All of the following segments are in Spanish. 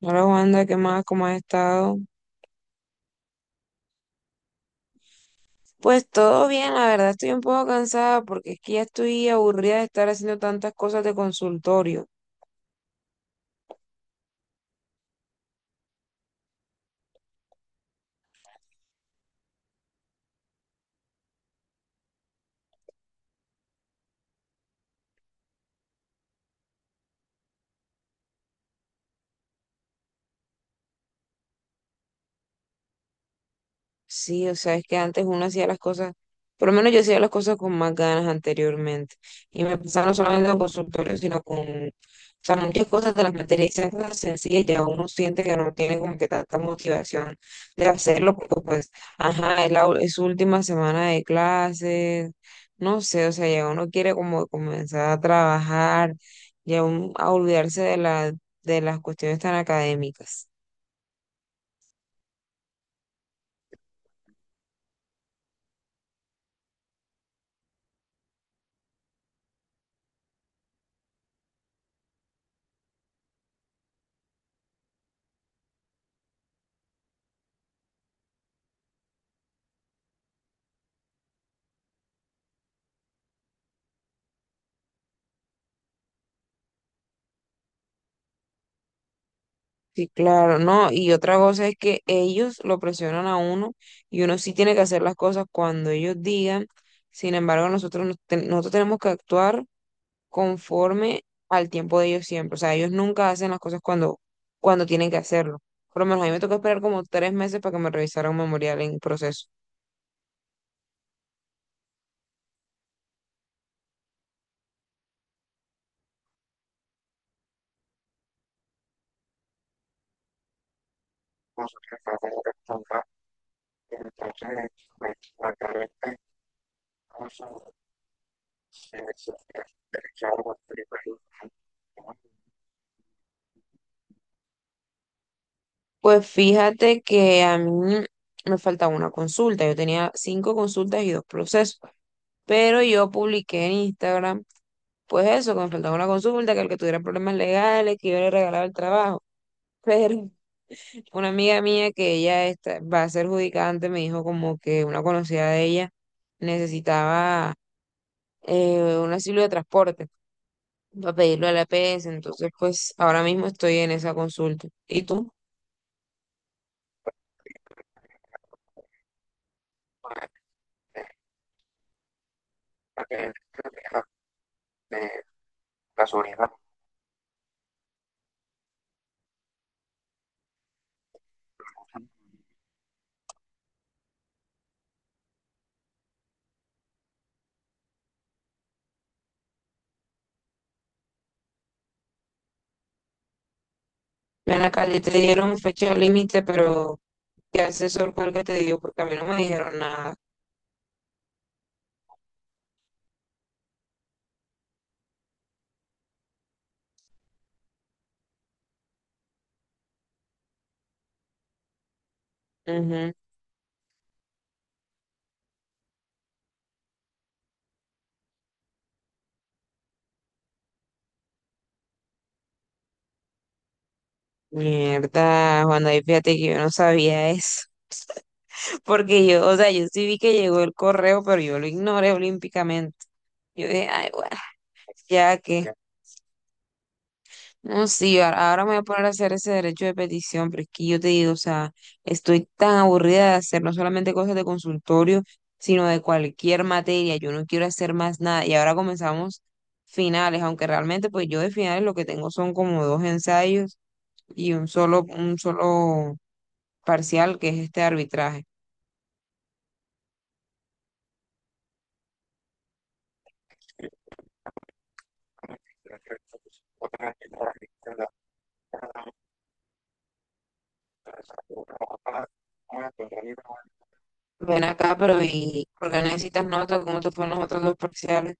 Hola Wanda, ¿qué más? ¿Cómo has estado? Pues todo bien, la verdad estoy un poco cansada porque es que ya estoy aburrida de estar haciendo tantas cosas de consultorio. Sí, o sea, es que antes uno hacía las cosas, por lo menos yo hacía las cosas con más ganas anteriormente. Y me pasaba no solamente con consultorios, sino con, o sea, muchas cosas de las materias esas cosas sencillas, ya uno siente que no tiene como que tanta motivación de hacerlo, porque pues, ajá, es su última semana de clases, no sé, o sea, ya uno quiere como comenzar a trabajar, a olvidarse de la, de las cuestiones tan académicas. Sí, claro, no, y otra cosa es que ellos lo presionan a uno y uno sí tiene que hacer las cosas cuando ellos digan, sin embargo nosotros, nosotros tenemos que actuar conforme al tiempo de ellos siempre, o sea, ellos nunca hacen las cosas cuando tienen que hacerlo, por lo menos a mí me tocó esperar como 3 meses para que me revisaran un memorial en proceso. Pues fíjate que a mí me faltaba una consulta. Yo tenía cinco consultas y dos procesos, pero yo publiqué en Instagram, pues eso, que me faltaba una consulta, que el que tuviera problemas legales, que yo le regalaba el trabajo. Pero una amiga mía que va a ser judicante me dijo como que una conocida de ella necesitaba un asilo de transporte para pedirlo a la EPS. Entonces, pues ahora mismo estoy en esa consulta. ¿Y tú? Ven acá, ya te dieron fecha límite, pero ¿qué asesor fue el que te dio? Porque a mí no me dijeron nada. Ujú. Mierda, Juan David, fíjate que yo no sabía eso. Porque yo, o sea, yo sí vi que llegó el correo, pero yo lo ignoré olímpicamente. Yo dije, ay, bueno, ya que. No, sí, ahora me voy a poner a hacer ese derecho de petición, pero es que yo te digo, o sea, estoy tan aburrida de hacer no solamente cosas de consultorio, sino de cualquier materia, yo no quiero hacer más nada. Y ahora comenzamos finales, aunque realmente pues yo de finales lo que tengo son como dos ensayos y un solo parcial que es este arbitraje. Ven acá, pero ¿y por qué necesitas notas? ¿Cómo te fueron los otros dos parciales?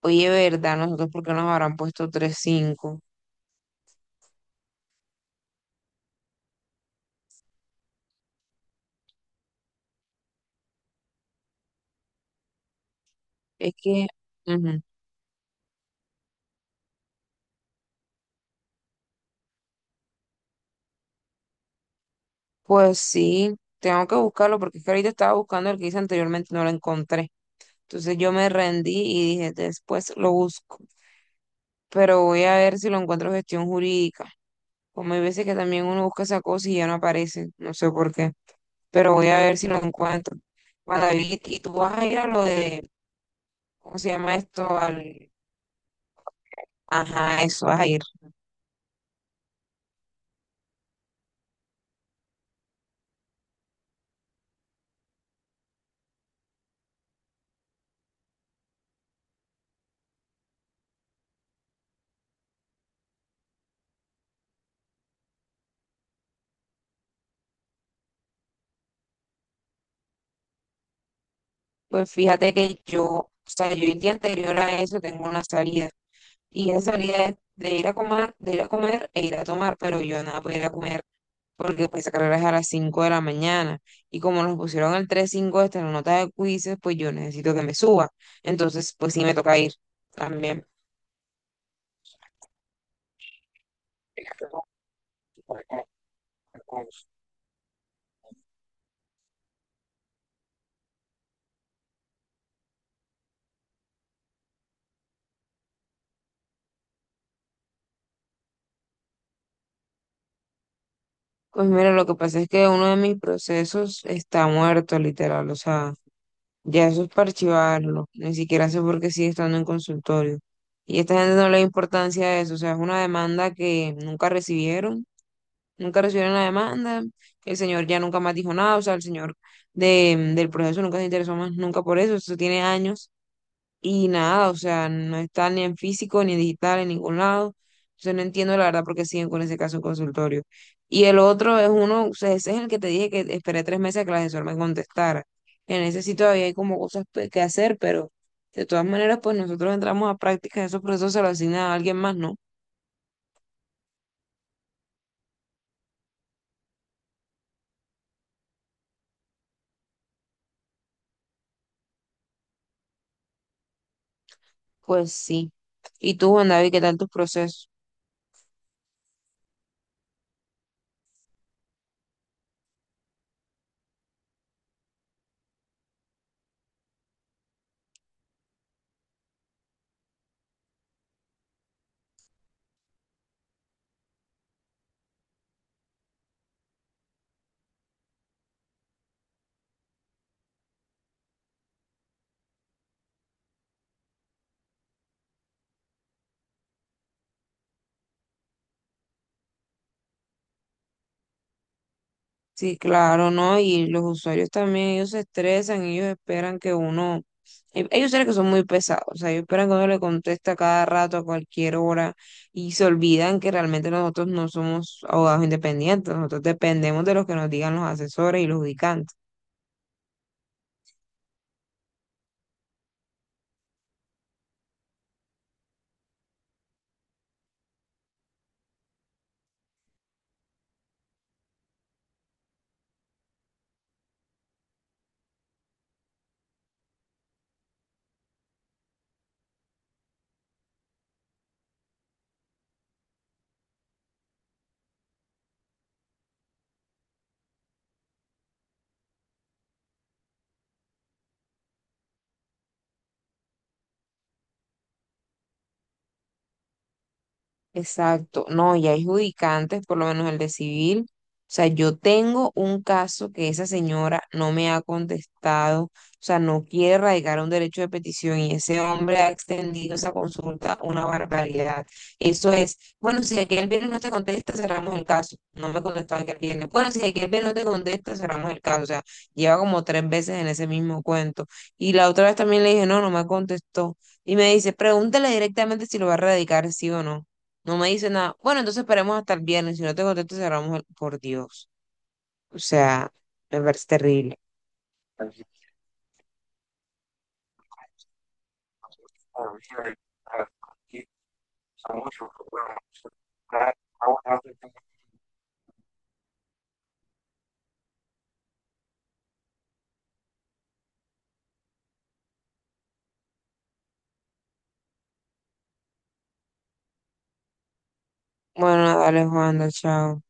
Oye, ¿verdad? Nosotros, ¿por qué nos habrán puesto tres cinco? Es que... ujú. Pues sí, tengo que buscarlo porque es que ahorita estaba buscando el que hice anteriormente y no lo encontré. Entonces yo me rendí y dije, después lo busco, pero voy a ver si lo encuentro en gestión jurídica. Como hay veces que también uno busca esa cosa y ya no aparece, no sé por qué, pero voy a ver si lo encuentro. Bueno, David, y tú vas a ir a lo de, ¿cómo se llama esto? Al... Ajá, eso, vas a ir. Pues fíjate que yo, o sea, yo el día anterior a eso tengo una salida. Y ella salía de ir a comer, de ir a comer, e ir a tomar, pero yo nada podía ir a comer porque pues esa carrera es a las 5 de la mañana. Y como nos pusieron el tres cinco hasta la nota de quizzes, pues yo necesito que me suba. Entonces, pues sí me toca ir también. Pues mira, lo que pasa es que uno de mis procesos está muerto, literal. O sea, ya eso es para archivarlo. Ni siquiera sé por qué sigue estando en consultorio. Y esta gente no le da importancia a eso. O sea, es una demanda que nunca recibieron la demanda, el señor ya nunca más dijo nada, o sea, el señor de, del proceso nunca se interesó más, nunca por eso, eso tiene años y nada, o sea, no está ni en físico, ni en digital, en ningún lado, entonces no entiendo la verdad por qué siguen con ese caso en consultorio. Y el otro es uno, o sea, ese es el que te dije que esperé 3 meses a que la asesor me contestara. En ese sí todavía hay como cosas que hacer, pero de todas maneras, pues nosotros entramos a prácticas, esos procesos se los asignan a alguien más, ¿no? Pues sí. ¿Y tú, Juan David, qué tal tus procesos? Sí, claro, ¿no? Y los usuarios también, ellos se estresan, ellos esperan que uno, ellos saben que son muy pesados, o sea, ellos esperan que uno le conteste a cada rato, a cualquier hora, y se olvidan que realmente nosotros no somos abogados independientes, nosotros dependemos de los que nos digan los asesores y los ubicantes. Exacto, no, y hay judicantes, por lo menos el de civil. O sea, yo tengo un caso que esa señora no me ha contestado, o sea, no quiere radicar un derecho de petición y ese hombre ha extendido esa consulta una barbaridad. Eso es, bueno, si aquel viernes no te contesta, cerramos el caso. No me contestó aquel viernes. Bueno, si aquel viernes no te contesta, cerramos el caso. O sea, lleva como tres veces en ese mismo cuento. Y la otra vez también le dije, no, no me contestó. Y me dice, pregúntale directamente si lo va a radicar, sí o no. No me dice nada. Bueno, entonces esperemos hasta el viernes. Si no te contesto, cerramos el... Por Dios. O sea, me parece terrible. Bueno, dale, Juanda, chao.